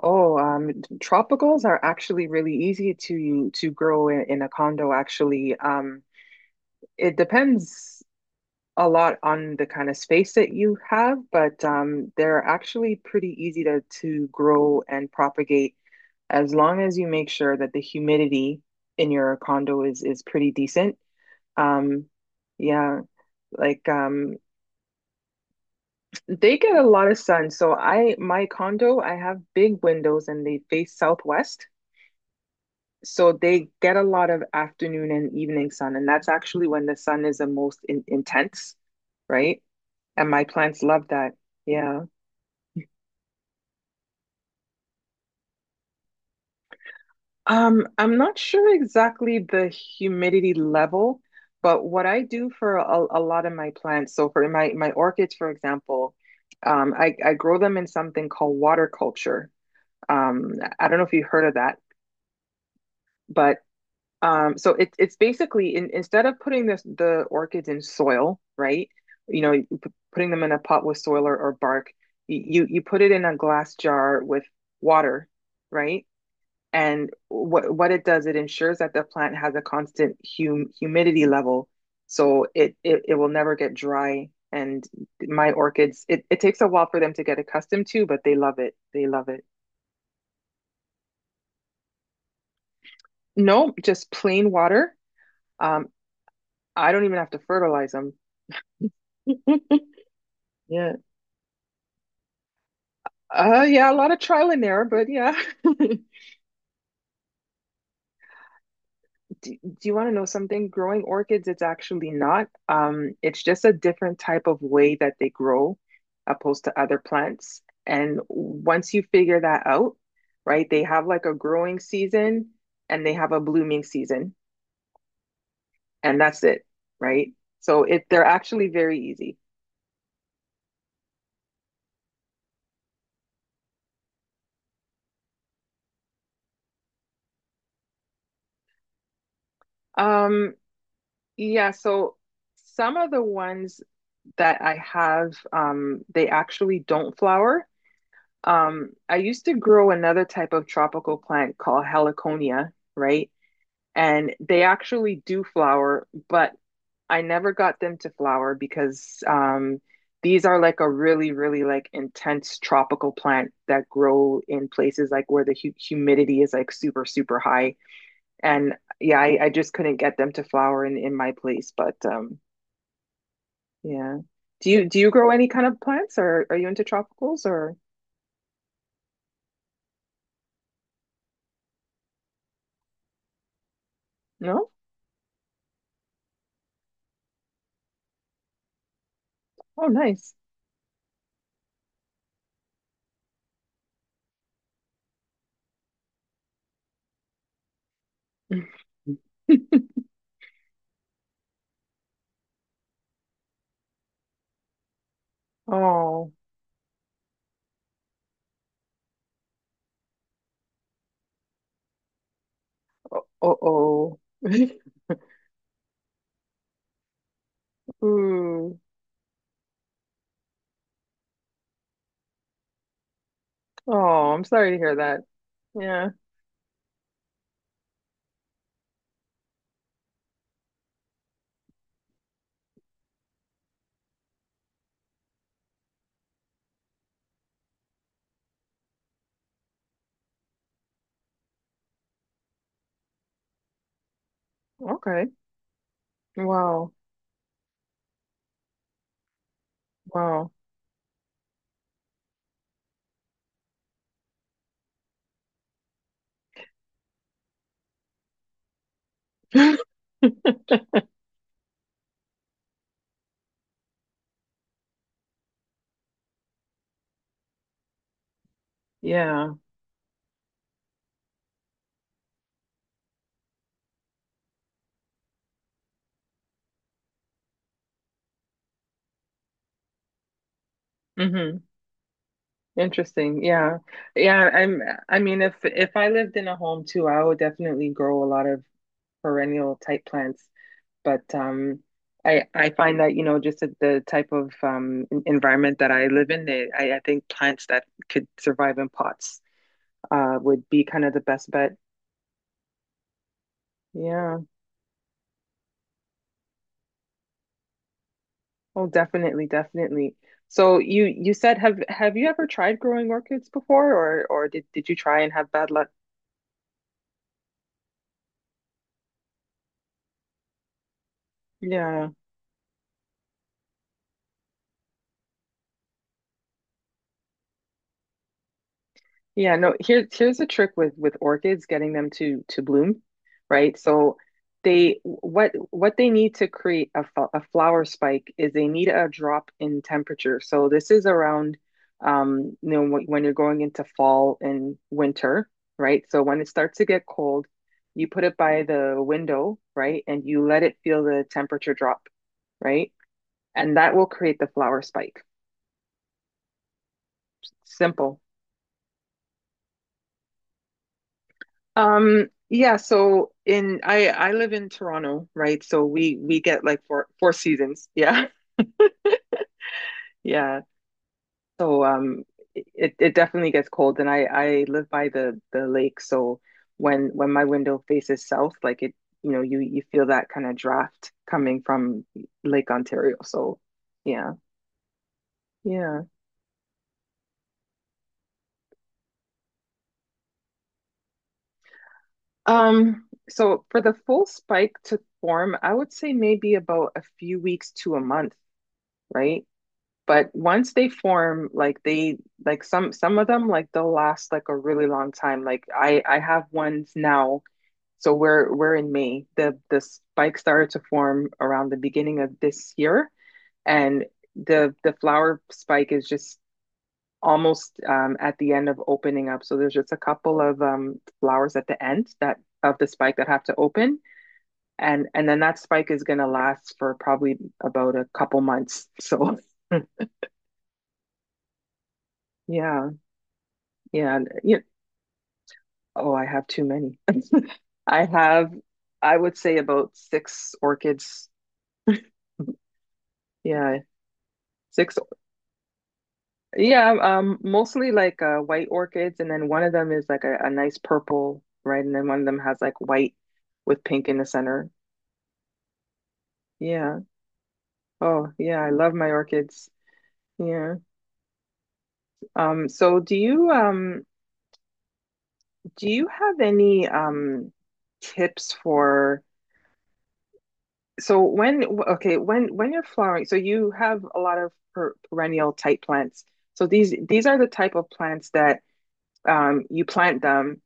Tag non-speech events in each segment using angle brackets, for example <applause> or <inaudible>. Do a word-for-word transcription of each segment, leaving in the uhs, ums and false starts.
Oh, um, tropicals are actually really easy to to grow in, in a condo, actually. Um, it depends a lot on the kind of space that you have, but um, they're actually pretty easy to to grow and propagate as long as you make sure that the humidity in your condo is is pretty decent. Um, yeah, like, um, they get a lot of sun. So I my condo, I have big windows and they face southwest. So they get a lot of afternoon and evening sun, and that's actually when the sun is the most in intense, right? And my plants love that. Yeah. Um, I'm not sure exactly the humidity level, but what I do for a, a lot of my plants, so for my my orchids, for example, um, I, I grow them in something called water culture. Um, I don't know if you heard of that, but Um, so it, it's basically in, instead of putting this, the orchids in soil, right? You know, you p- putting them in a pot with soil or, or bark, y- you you put it in a glass jar with water, right? And what what it does, it ensures that the plant has a constant hum humidity level, so it, it it will never get dry. And my orchids, it, it takes a while for them to get accustomed to, but they love it. They love it. No, just plain water. Um, I don't even have to fertilize them. <laughs> Yeah. Uh, yeah, a lot of trial and error, but yeah. <laughs> Do, do you want to know something? Growing orchids, it's actually not. Um, it's just a different type of way that they grow opposed to other plants. And once you figure that out, right, they have like a growing season and they have a blooming season, and that's it, right? So it they're actually very easy. Um, yeah, so some of the ones that I have, um, they actually don't flower. Um, I used to grow another type of tropical plant called heliconia, right? And they actually do flower, but I never got them to flower because, um, these are like a really, really like intense tropical plant that grow in places like where the hu humidity is like super, super high. And yeah, I, I just couldn't get them to flower in in my place. But um, yeah, do you do you grow any kind of plants, or are you into tropicals, or no? Oh, nice. <laughs> Oh, oh, oh. <laughs> Ooh. Oh, I'm sorry to hear that. Yeah. Okay. Wow. Wow. <laughs> Yeah. hmm Interesting. Yeah. Yeah, I'm I mean if if I lived in a home too, I would definitely grow a lot of perennial type plants. But um I I find that, you know, just the, the type of um en- environment that I live in, they, I I think plants that could survive in pots uh would be kind of the best bet. Yeah. Oh, definitely, definitely. So you you said have have you ever tried growing orchids before or or did did you try and have bad luck? Yeah. Yeah, no, here, here's a trick with with orchids, getting them to to bloom, right? So they what what they need to create a, fl- a flower spike is they need a drop in temperature. So this is around, um you know, when, when you're going into fall and winter, right? So when it starts to get cold, you put it by the window, right? And you let it feel the temperature drop, right? And that will create the flower spike. Simple. Um, yeah, so in I I live in Toronto, right? So we we get like four four seasons. Yeah. <laughs> Yeah. So um it it definitely gets cold and I I live by the the lake, so when when my window faces south, like it you know, you you feel that kind of draft coming from Lake Ontario. So yeah. Yeah. Um so for the full spike to form, I would say maybe about a few weeks to a month, right? But once they form, like they like some some of them like they'll last like a really long time. Like I I have ones now. So we're we're in May. The the spike started to form around the beginning of this year, and the the flower spike is just almost, um, at the end of opening up. So there's just a couple of, um, flowers at the end that of the spike that have to open, and and then that spike is gonna last for probably about a couple months. <laughs> So yeah, yeah, yeah. Oh, I have too many. <laughs> I have, I would say about six orchids. Yeah, six. Yeah, um, mostly like, uh, white orchids, and then one of them is like a, a nice purple, right? And then one of them has like white with pink in the center. Yeah. Oh, yeah, I love my orchids. Yeah. Um, so do you um do you have any um tips for. So when, okay, when when you're flowering, so you have a lot of per perennial type plants. So these these are the type of plants that um you plant them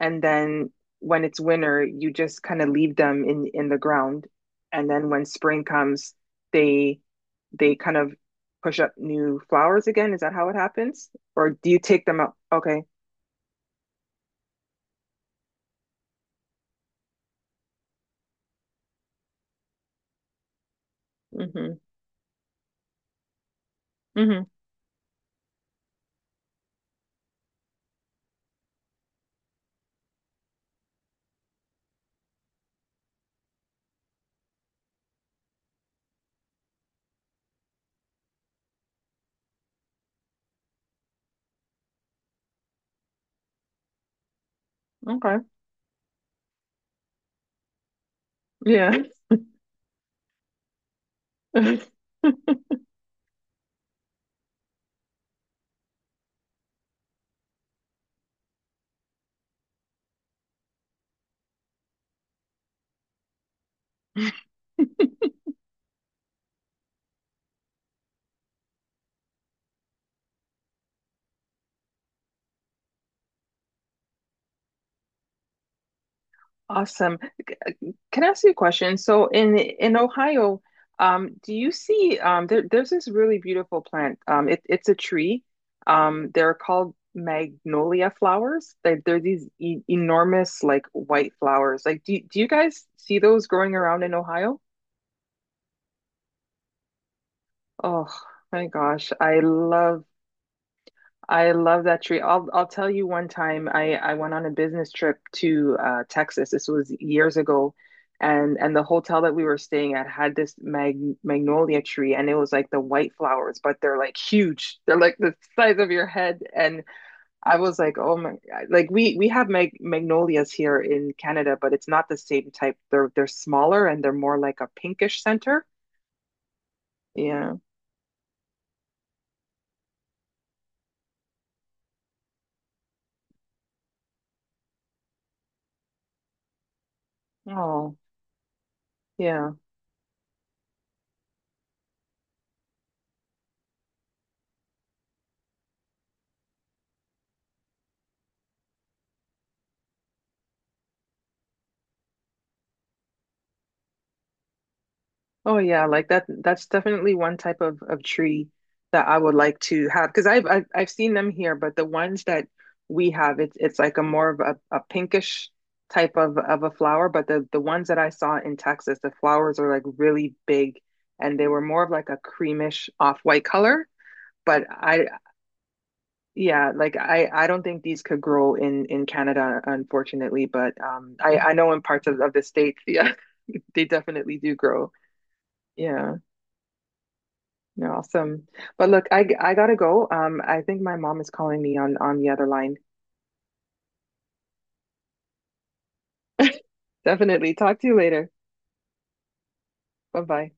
and then when it's winter, you just kind of leave them in in the ground and then when spring comes, they they kind of push up new flowers again. Is that how it happens? Or do you take them out? Okay. Mm-hmm. Mm-hmm. Okay. Yeah. <laughs> Awesome. C- uh, Can I ask you a question? So in in Ohio, um, do you see, um, there, there's this really beautiful plant. Um, it, it's a tree. Um, they're called magnolia flowers. They, they're these e enormous like white flowers. Like, do, do you guys see those growing around in Ohio? Oh my gosh, I love I love that tree. I'll I'll tell you one time I I went on a business trip to, uh, Texas. This was years ago, and and the hotel that we were staying at had this mag magnolia tree, and it was like the white flowers, but they're like huge. They're like the size of your head. And I was like, oh my, like we we have mag magnolias here in Canada, but it's not the same type. They're they're smaller and they're more like a pinkish center. Yeah. Oh, yeah. Oh yeah, like that that's definitely one type of of tree that I would like to have because I've, I've I've seen them here, but the ones that we have, it's it's like a more of a, a pinkish type of of a flower, but the the ones that I saw in Texas, the flowers are like really big and they were more of like a creamish off-white color, but I yeah, like I I don't think these could grow in in Canada unfortunately, but um I I know in parts of, of the States, yeah, <laughs> they definitely do grow. Yeah. You're awesome. But look, I I gotta go. Um, I think my mom is calling me on on the other line. Definitely. Talk to you later. Bye bye.